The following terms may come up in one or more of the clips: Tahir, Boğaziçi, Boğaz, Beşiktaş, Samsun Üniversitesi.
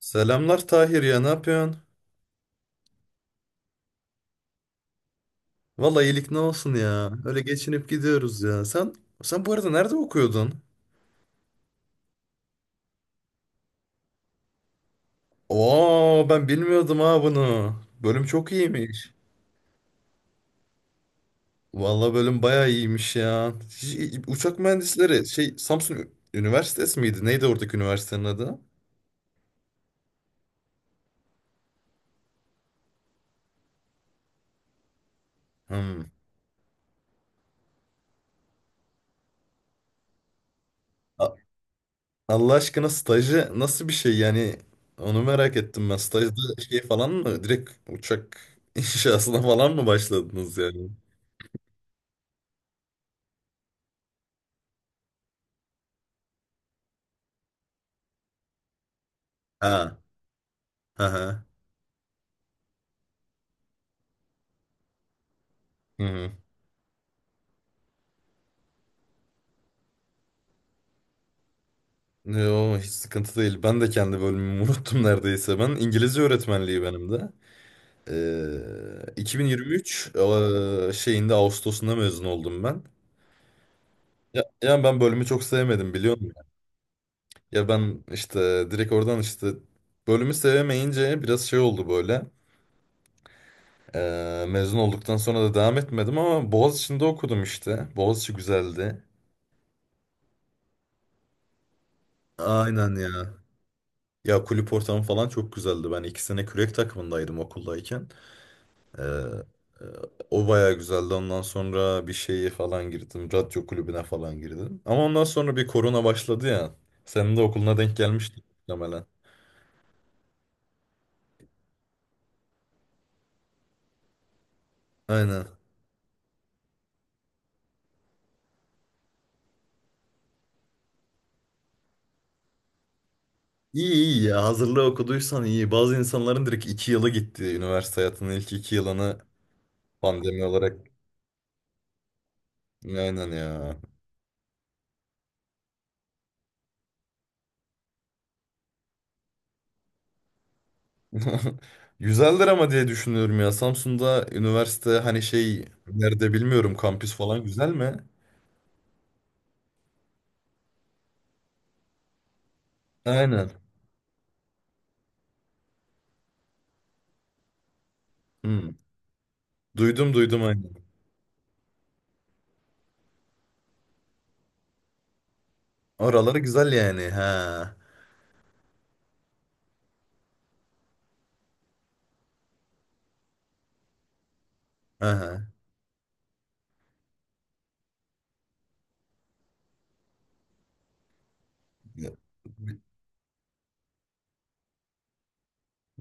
Selamlar Tahir ya ne yapıyorsun? Vallahi iyilik ne olsun ya. Öyle geçinip gidiyoruz ya. Sen bu arada nerede okuyordun? Oo ben bilmiyordum ha bunu. Bölüm çok iyiymiş. Vallahi bölüm bayağı iyiymiş ya. Uçak mühendisleri şey Samsun Üniversitesi miydi? Neydi oradaki üniversitenin adı? Hmm. A- Allah aşkına stajı nasıl bir şey yani? Onu merak ettim ben. Stajda şey falan mı? Direkt uçak inşasına falan mı başladınız yani? Ha. Aha. Hı hı. Yo, hiç sıkıntı değil. Ben de kendi bölümümü unuttum neredeyse. Ben İngilizce öğretmenliği benim de. 2023 şeyinde Ağustos'unda mezun oldum ben. Ya, yani ben bölümü çok sevmedim biliyor musun? Ya ben işte direkt oradan işte bölümü sevemeyince biraz şey oldu böyle. Mezun olduktan sonra da devam etmedim ama Boğaziçi'nde okudum işte. Boğaziçi güzeldi. Aynen ya. Ya kulüp ortamı falan çok güzeldi. Ben 2 sene kürek takımındaydım okuldayken. Ee, e, o bayağı güzeldi. Ondan sonra bir şeye falan girdim. Radyo kulübüne falan girdim. Ama ondan sonra bir korona başladı ya. Senin de okuluna denk gelmişti muhtemelen. Aynen. İyi iyi ya. Hazırlığı okuduysan iyi. Bazı insanların direkt 2 yılı gitti. Üniversite hayatının ilk 2 yılını pandemi olarak. Aynen ya. Güzeldir ama diye düşünüyorum ya. Samsun'da üniversite hani şey nerede bilmiyorum kampüs falan güzel mi? Aynen. Hı. Duydum duydum aynen. Oraları güzel yani. Ha. Aha.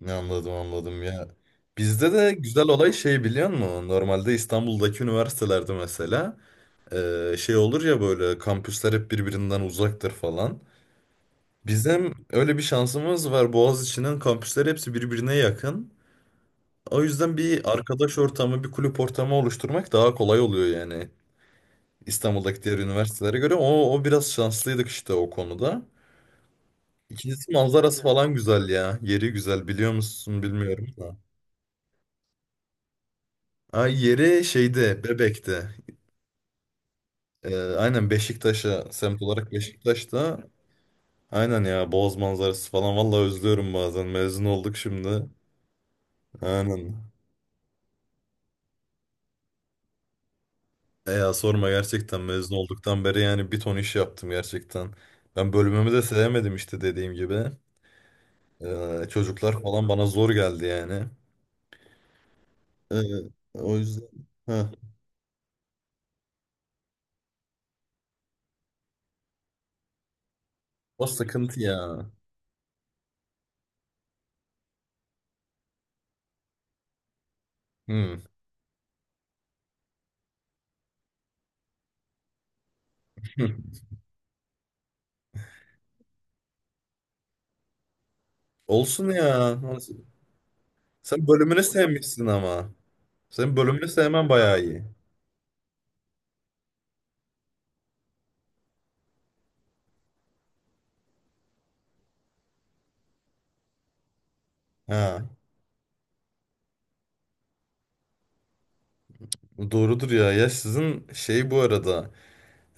Anladım anladım ya. Bizde de güzel olay şey biliyor musun? Normalde İstanbul'daki üniversitelerde mesela şey olur ya böyle kampüsler hep birbirinden uzaktır falan. Bizim öyle bir şansımız var. Boğaziçi'nin kampüsleri hepsi birbirine yakın. O yüzden bir arkadaş ortamı, bir kulüp ortamı oluşturmak daha kolay oluyor yani. İstanbul'daki diğer üniversitelere göre. O biraz şanslıydık işte o konuda. İkincisi manzarası falan güzel ya. Yeri güzel biliyor musun bilmiyorum da. Ha, yeri şeyde Bebek'te. Aynen Beşiktaş'a semt olarak Beşiktaş'ta. Aynen ya Boğaz manzarası falan vallahi özlüyorum bazen. Mezun olduk şimdi. Aynen. E ya sorma gerçekten mezun olduktan beri yani bir ton iş yaptım gerçekten. Ben bölümümü de sevmedim işte dediğim gibi. Çocuklar falan bana zor geldi yani. Ee, o yüzden. Heh. O sıkıntı ya. Hmm. Olsun ya. Sen bölümünü sevmişsin ama. Senin bölümünü sevmen bayağı iyi. Ha, doğrudur ya. Ya sizin şey bu arada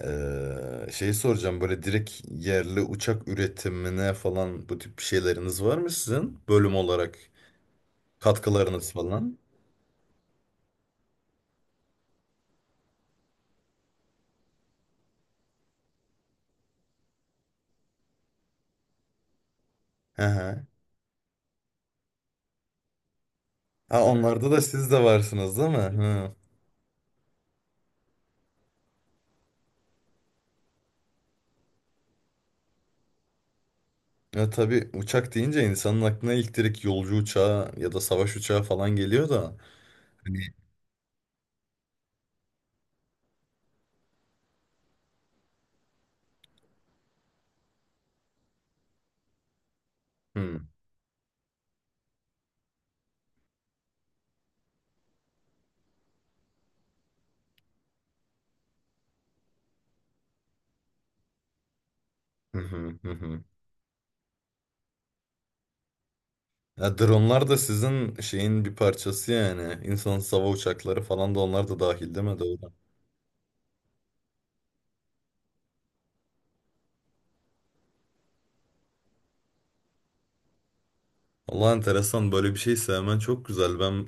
şeyi soracağım böyle direkt yerli uçak üretimine falan bu tip şeyleriniz var mı sizin bölüm olarak katkılarınız falan? Hı hı. Ha, onlarda da siz de varsınız değil mi? Hı. Ya tabii uçak deyince insanın aklına ilk direkt yolcu uçağı ya da savaş uçağı falan geliyor da. Hani, hı, hı, hı, hı. Ya dronlar da sizin şeyin bir parçası yani. İnsansız hava uçakları falan da onlar da dahil değil mi? Doğru. Allah enteresan böyle bir şey sevmen çok güzel. Ben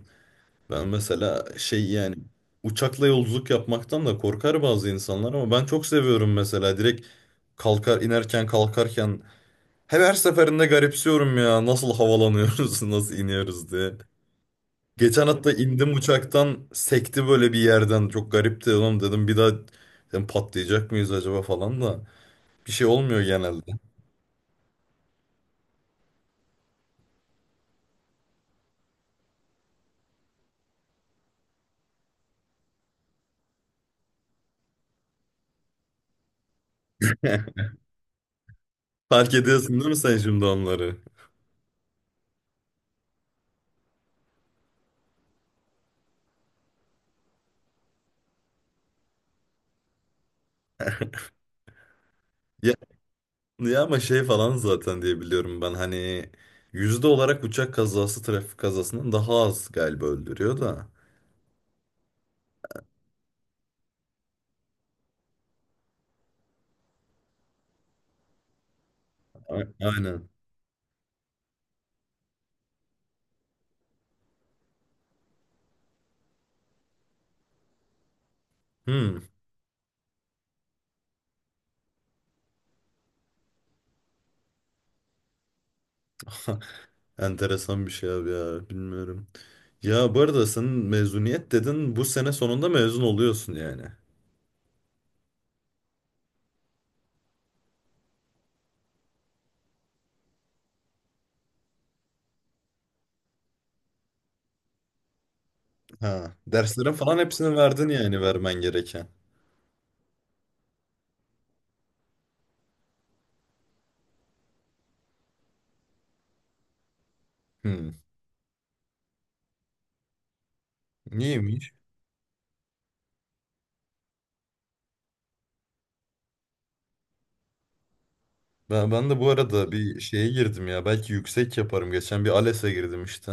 ben mesela şey yani uçakla yolculuk yapmaktan da korkar bazı insanlar ama ben çok seviyorum mesela direkt kalkar inerken kalkarken her seferinde garipsiyorum ya nasıl havalanıyoruz nasıl iniyoruz diye. Geçen hatta indim uçaktan sekti böyle bir yerden çok garipti oğlum dedim bir daha dedim, patlayacak mıyız acaba falan da. Bir şey olmuyor genelde. Fark ediyorsun değil mi sen şimdi onları? Ya, ya ama şey falan zaten diye biliyorum ben hani yüzde olarak uçak kazası trafik kazasından daha az galiba öldürüyor da. Aynen. Hmm. Enteresan bir şey abi ya bilmiyorum. Ya bu arada sen mezuniyet dedin bu sene sonunda mezun oluyorsun yani. Ha, derslerin falan hepsini verdin yani vermen gereken. Hmm. Neymiş? Ben de bu arada bir şeye girdim ya. Belki yüksek yaparım. Geçen bir ALES'e girdim işte.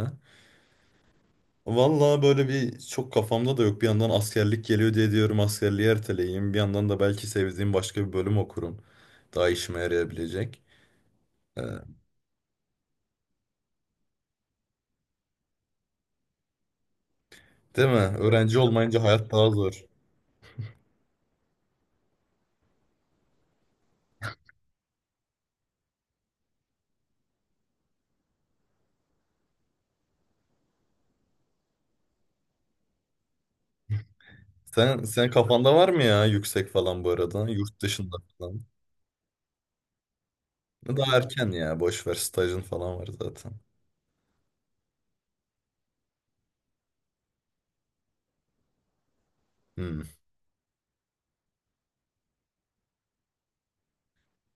Vallahi böyle bir çok kafamda da yok. Bir yandan askerlik geliyor diye diyorum askerliği erteleyeyim. Bir yandan da belki sevdiğim başka bir bölüm okurum. Daha işime yarayabilecek. Ee, değil mi? Öğrenci olmayınca hayat daha zor. Sen kafanda var mı ya yüksek falan bu arada? Yurt dışında falan. Daha erken ya. Boş ver stajın falan var zaten. Hmm.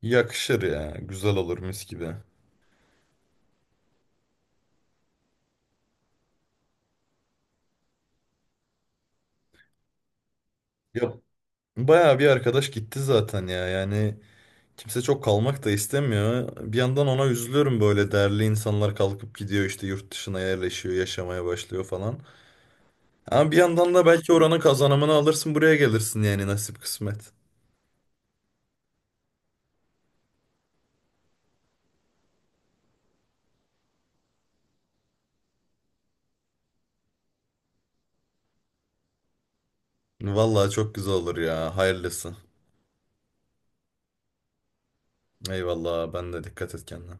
Yakışır ya. Güzel olur mis gibi. Yap. Bayağı bir arkadaş gitti zaten ya. Yani kimse çok kalmak da istemiyor. Bir yandan ona üzülüyorum böyle değerli insanlar kalkıp gidiyor işte yurt dışına yerleşiyor, yaşamaya başlıyor falan. Ama bir yandan da belki oranın kazanımını alırsın buraya gelirsin yani nasip kısmet. Vallahi çok güzel olur ya. Hayırlısı. Eyvallah ben de dikkat et kendine.